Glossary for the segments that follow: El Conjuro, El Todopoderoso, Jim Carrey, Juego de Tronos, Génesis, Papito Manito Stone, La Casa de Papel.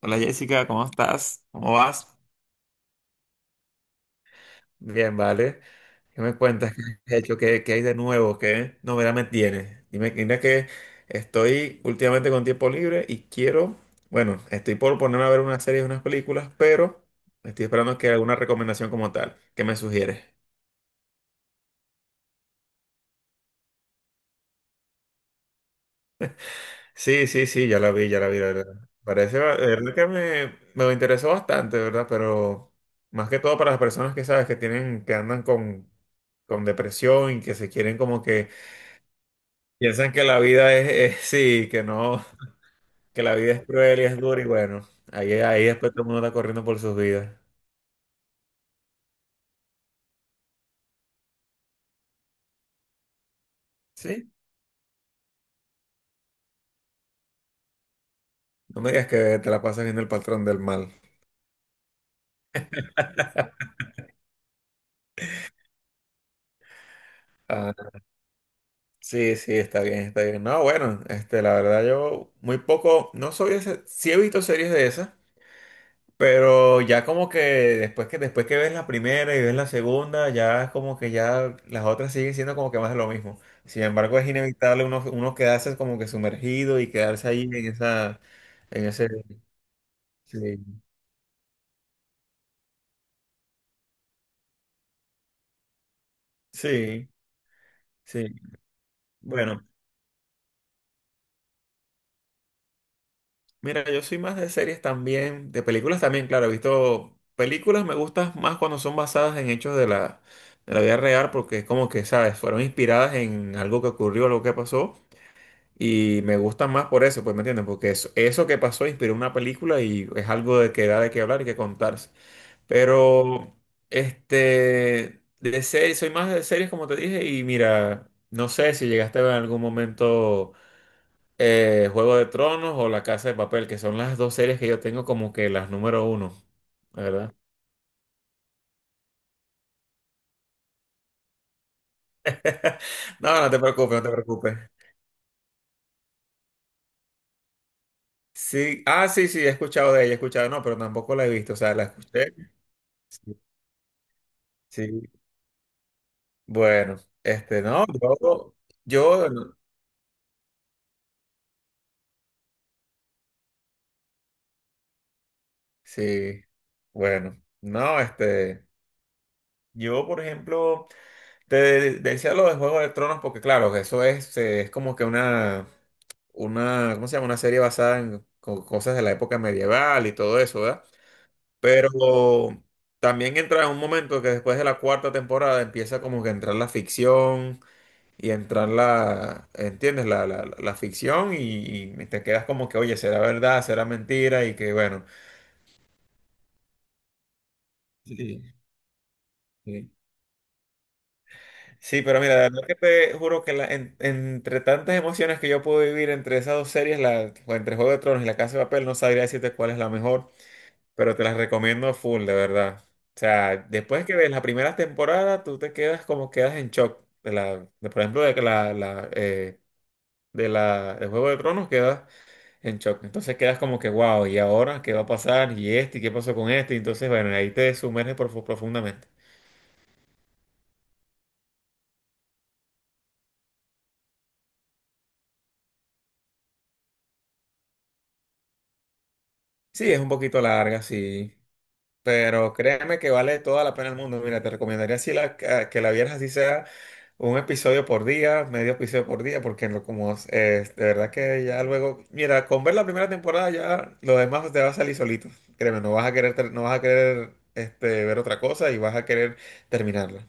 Hola Jessica, ¿cómo estás? ¿Cómo vas? Bien, vale. ¿Qué me cuentas? ¿Qué has hecho? ¿Qué hay de nuevo? ¿Qué novedad me tienes? Dime, mira que estoy últimamente con tiempo libre y quiero, bueno, estoy por ponerme a ver unas series, unas películas, pero estoy esperando que alguna recomendación como tal. ¿Qué me sugieres? Sí, sí, sí, ya la vi, la verdad. Parece, la verdad que me interesó bastante, ¿verdad? Pero más que todo para las personas que sabes que tienen, que andan con depresión y que se quieren como que piensan que la vida sí, que no, que la vida es cruel y es dura y bueno, ahí después todo el mundo está corriendo por sus vidas. Sí, no me digas que te la pasas viendo El Patrón del Mal. Ah, sí, sí, está bien, está bien. No, bueno, este, la verdad yo muy poco, no soy ese, sí he visto series de esas, pero ya como que después que ves la primera y ves la segunda, ya es como que ya las otras siguen siendo como que más de lo mismo. Sin embargo, es inevitable uno quedarse como que sumergido y quedarse ahí en esa, en ese, sí, sí, sí. Bueno, mira, yo soy más de series también, de películas también, claro, he visto películas, me gustan más cuando son basadas en hechos de la vida real, porque es como que, ¿sabes? Fueron inspiradas en algo que ocurrió, algo que pasó. Y me gusta más por eso, pues, ¿me entiendes? Porque eso que pasó inspiró una película y es algo de que da de qué hablar y que contarse. Pero, este, de series, soy más de series, como te dije, y mira, no sé si llegaste a ver en algún momento Juego de Tronos o La Casa de Papel, que son las dos series que yo tengo como que las número uno, la ¿verdad? No, no te preocupes, no te preocupes. Sí, ah, sí, sí, he escuchado de ella, he escuchado, no, pero tampoco la he visto, o sea, la escuché. Sí, sí. Bueno, este, no, yo, yo, sí, bueno, no, este, yo, por ejemplo, te decía lo de Juego de Tronos porque, claro, que eso es es como que una, ¿cómo se llama? Una serie basada en cosas de la época medieval y todo eso, ¿verdad? Pero también entra en un momento que después de la cuarta temporada empieza como que a entrar la ficción y entrar la, ¿entiendes? La ficción y te quedas como que, oye, será verdad, será mentira y que bueno. Sí, sí. Sí, pero mira, la verdad que te juro que entre tantas emociones que yo pude vivir entre esas dos series, la, o entre Juego de Tronos y La Casa de Papel, no sabría decirte cuál es la mejor, pero te las recomiendo full, de verdad. O sea, después que ves la primera temporada, tú te quedas como quedas en shock. De la, de, por ejemplo, de que la, de la, de Juego de Tronos, quedas en shock. Entonces quedas como que, wow, ¿y ahora qué va a pasar? ¿Y este? ¿Y qué pasó con este? Y entonces, bueno, ahí te sumerges profundamente. Sí, es un poquito larga, sí. Pero créeme que vale toda la pena el mundo. Mira, te recomendaría si la, que la vieras así sea un episodio por día, medio episodio por día, porque como de verdad que ya luego, mira, con ver la primera temporada ya lo demás te va a salir solito. Créeme, no vas a querer, no vas a querer ver otra cosa y vas a querer terminarla.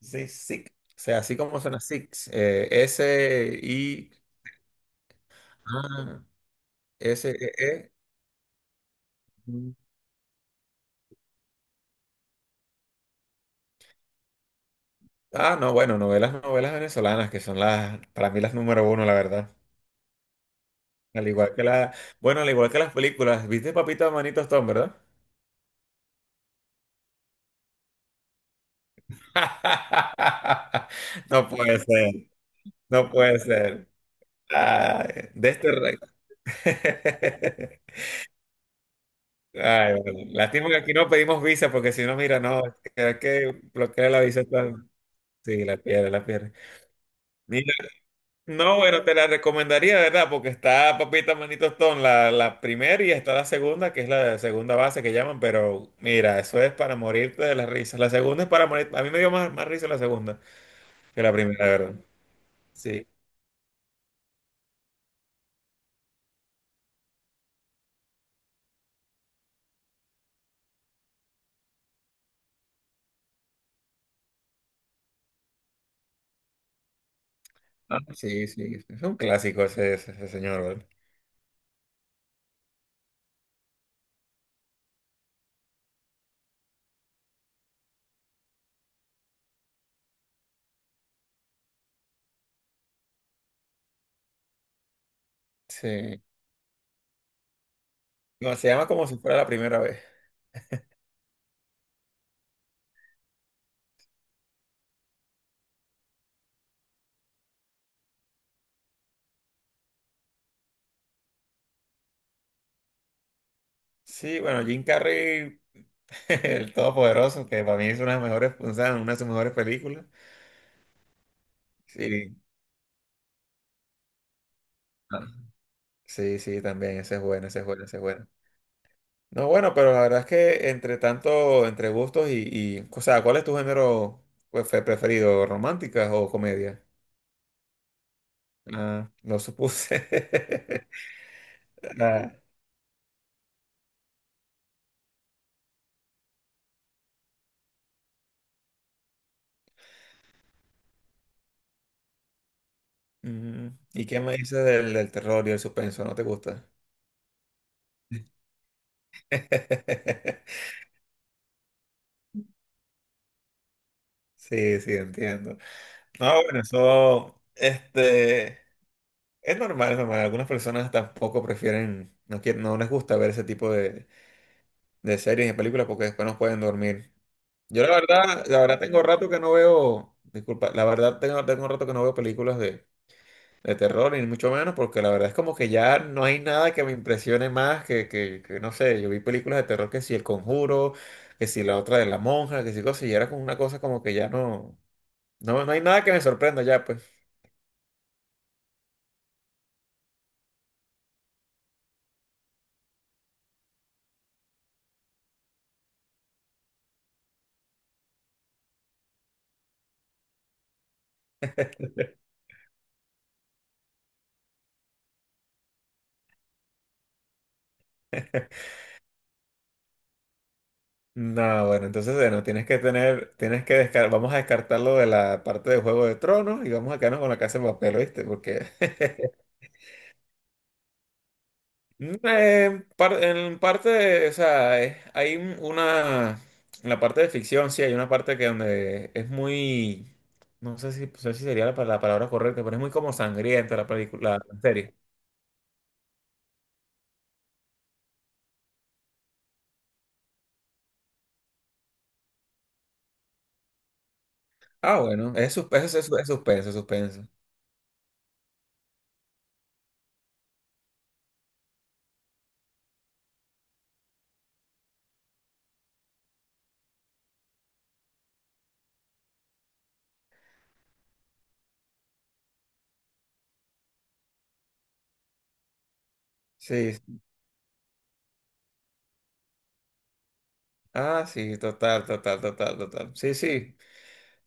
Sí, SICK. O sea, así como suena SICK. S, I, A, S, E, E. Mm. Ah, no, bueno, novelas, novelas venezolanas, que son las, para mí las número uno, la verdad. Al igual que la, bueno, al igual que las películas. ¿Viste Papito Manito Stone, verdad? No puede ser, no puede ser. Ay, de este rey. Ay, bueno, lástima que aquí no pedimos visa, porque si no, mira, no, es que bloquea la visa. Sí, la pierde, la pierde. No, bueno, te la recomendaría, ¿verdad? Porque está Papita Manito Stone, la primera y está la segunda, que es la segunda base que llaman, pero mira, eso es para morirte de las risas. La segunda es para morir, a mí me dio más risa la segunda que la primera, ¿verdad? Sí. Ah, sí, sí, es un clásico ese señor, ¿verdad? Sí. No, se llama Como Si Fuera la Primera Vez. Sí, bueno, Jim Carrey, el Todopoderoso, que para mí es una de las mejores, o sea, una de sus mejores películas. Sí. Ah, sí, sí, también, ese es bueno, ese es bueno, ese es bueno. No, bueno, pero la verdad es que entre tanto, entre gustos y, o sea, ¿cuál es tu género pues, preferido? ¿Románticas o comedia? Ah, lo supuse. Ah, ujú. ¿Y qué me dices del terror y el suspenso? ¿No te gusta? Sí, sí, entiendo. No, bueno, eso, este, es normal, es normal. Algunas personas tampoco prefieren, no quieren, no les gusta ver ese tipo de series y películas porque después no pueden dormir. Yo la verdad tengo rato que no veo, disculpa, la verdad tengo rato que no veo películas de terror, ni mucho menos, porque la verdad es como que ya no hay nada que me impresione más que, no sé, yo vi películas de terror que si El Conjuro, que si la otra de la monja, que si cosas, y era como una cosa como que ya no, no, no hay nada que me sorprenda ya, pues. No, bueno, entonces bueno, tienes que tener, tienes que descartar, vamos a descartarlo de la parte de Juego de Tronos y vamos a quedarnos con La Casa de Papel, ¿viste? Porque en parte, o sea, hay una, en la parte de ficción, sí, hay una parte que donde es muy, no sé si sería la, la palabra correcta, pero es muy como sangrienta la película, la serie. Ah, bueno, es suspenso, es suspenso. Sí, sí. Ah, sí, total, total, total, total. Sí, sí,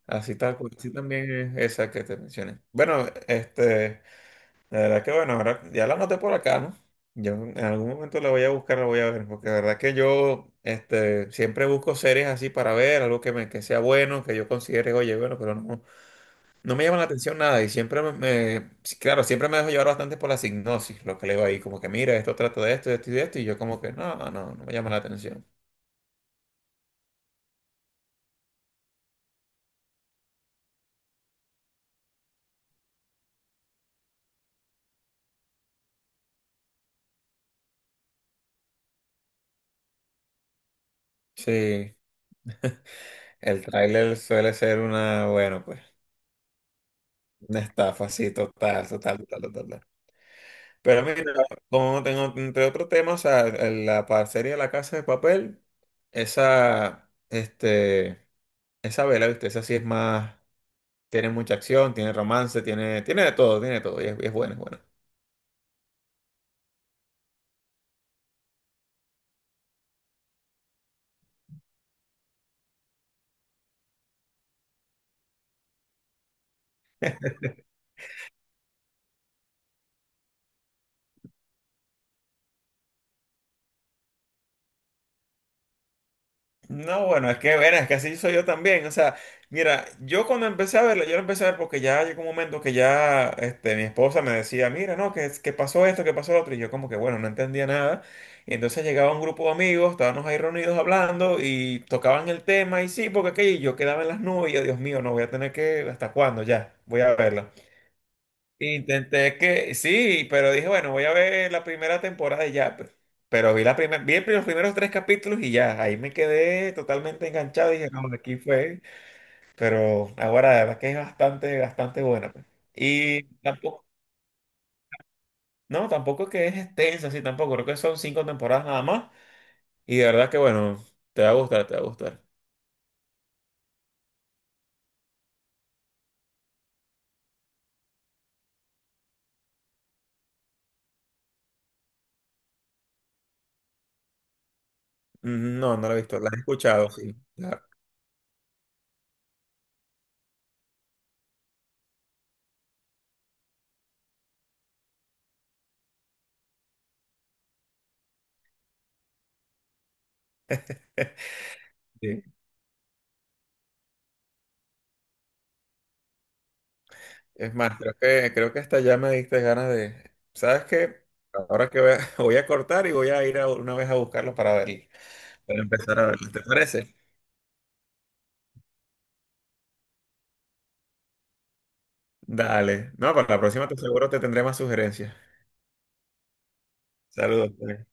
así tal cual, sí también es esa que te mencioné. Bueno, la verdad que bueno, ahora ya la anoté por acá, ¿no? Yo en algún momento la voy a buscar, la voy a ver, porque la verdad que yo siempre busco series así para ver, algo que, me, que sea bueno, que yo considere, oye, bueno, pero no me llama la atención nada y siempre sí, claro, siempre me dejo llevar bastante por la sinopsis, lo que leo ahí, como que mira, esto trata de esto, y yo como que no me llama la atención. Sí, el tráiler suele ser una, bueno, pues, una estafa, sí, total, total, total, total, total. Pero mira, como tengo entre otros temas, o sea, la parcería de La Casa de Papel, esa, esa vela, ¿viste? Esa sí es más, tiene mucha acción, tiene romance, tiene de todo, tiene de todo, y es buena, es buena. No, bueno, es que, verás, es que así soy yo también. O sea, mira, yo cuando empecé a verlo, yo lo empecé a ver porque ya llegó un momento que ya mi esposa me decía, mira, no, que pasó esto, que pasó lo otro. Y yo como que, bueno, no entendía nada. Y entonces llegaba un grupo de amigos, estábamos ahí reunidos hablando y tocaban el tema y sí, porque aquello, y yo quedaba en las nubes y yo, Dios mío, no voy a tener que, ¿hasta cuándo ya? Voy a verlo. Intenté que, sí, pero dije, bueno, voy a ver la primera temporada y ya, pero, vi la primera, vi los primeros tres capítulos y ya, ahí me quedé totalmente enganchado y dije, no, aquí fue, pero ahora la verdad que es bastante, bastante buena. Pe. Y tampoco, no, tampoco que es extensa, sí, tampoco, creo que son cinco temporadas nada más y de verdad que, bueno, te va a gustar, te va a gustar. No, no la he visto, la he escuchado, sí, claro. Es más, creo que hasta ya me diste ganas de... ¿Sabes qué? Ahora que voy a, voy a cortar y voy a ir una vez a buscarlo para verlo, para empezar a verlo. ¿Te parece? Dale. No, para la próxima te seguro te tendré más sugerencias. Saludos, pues.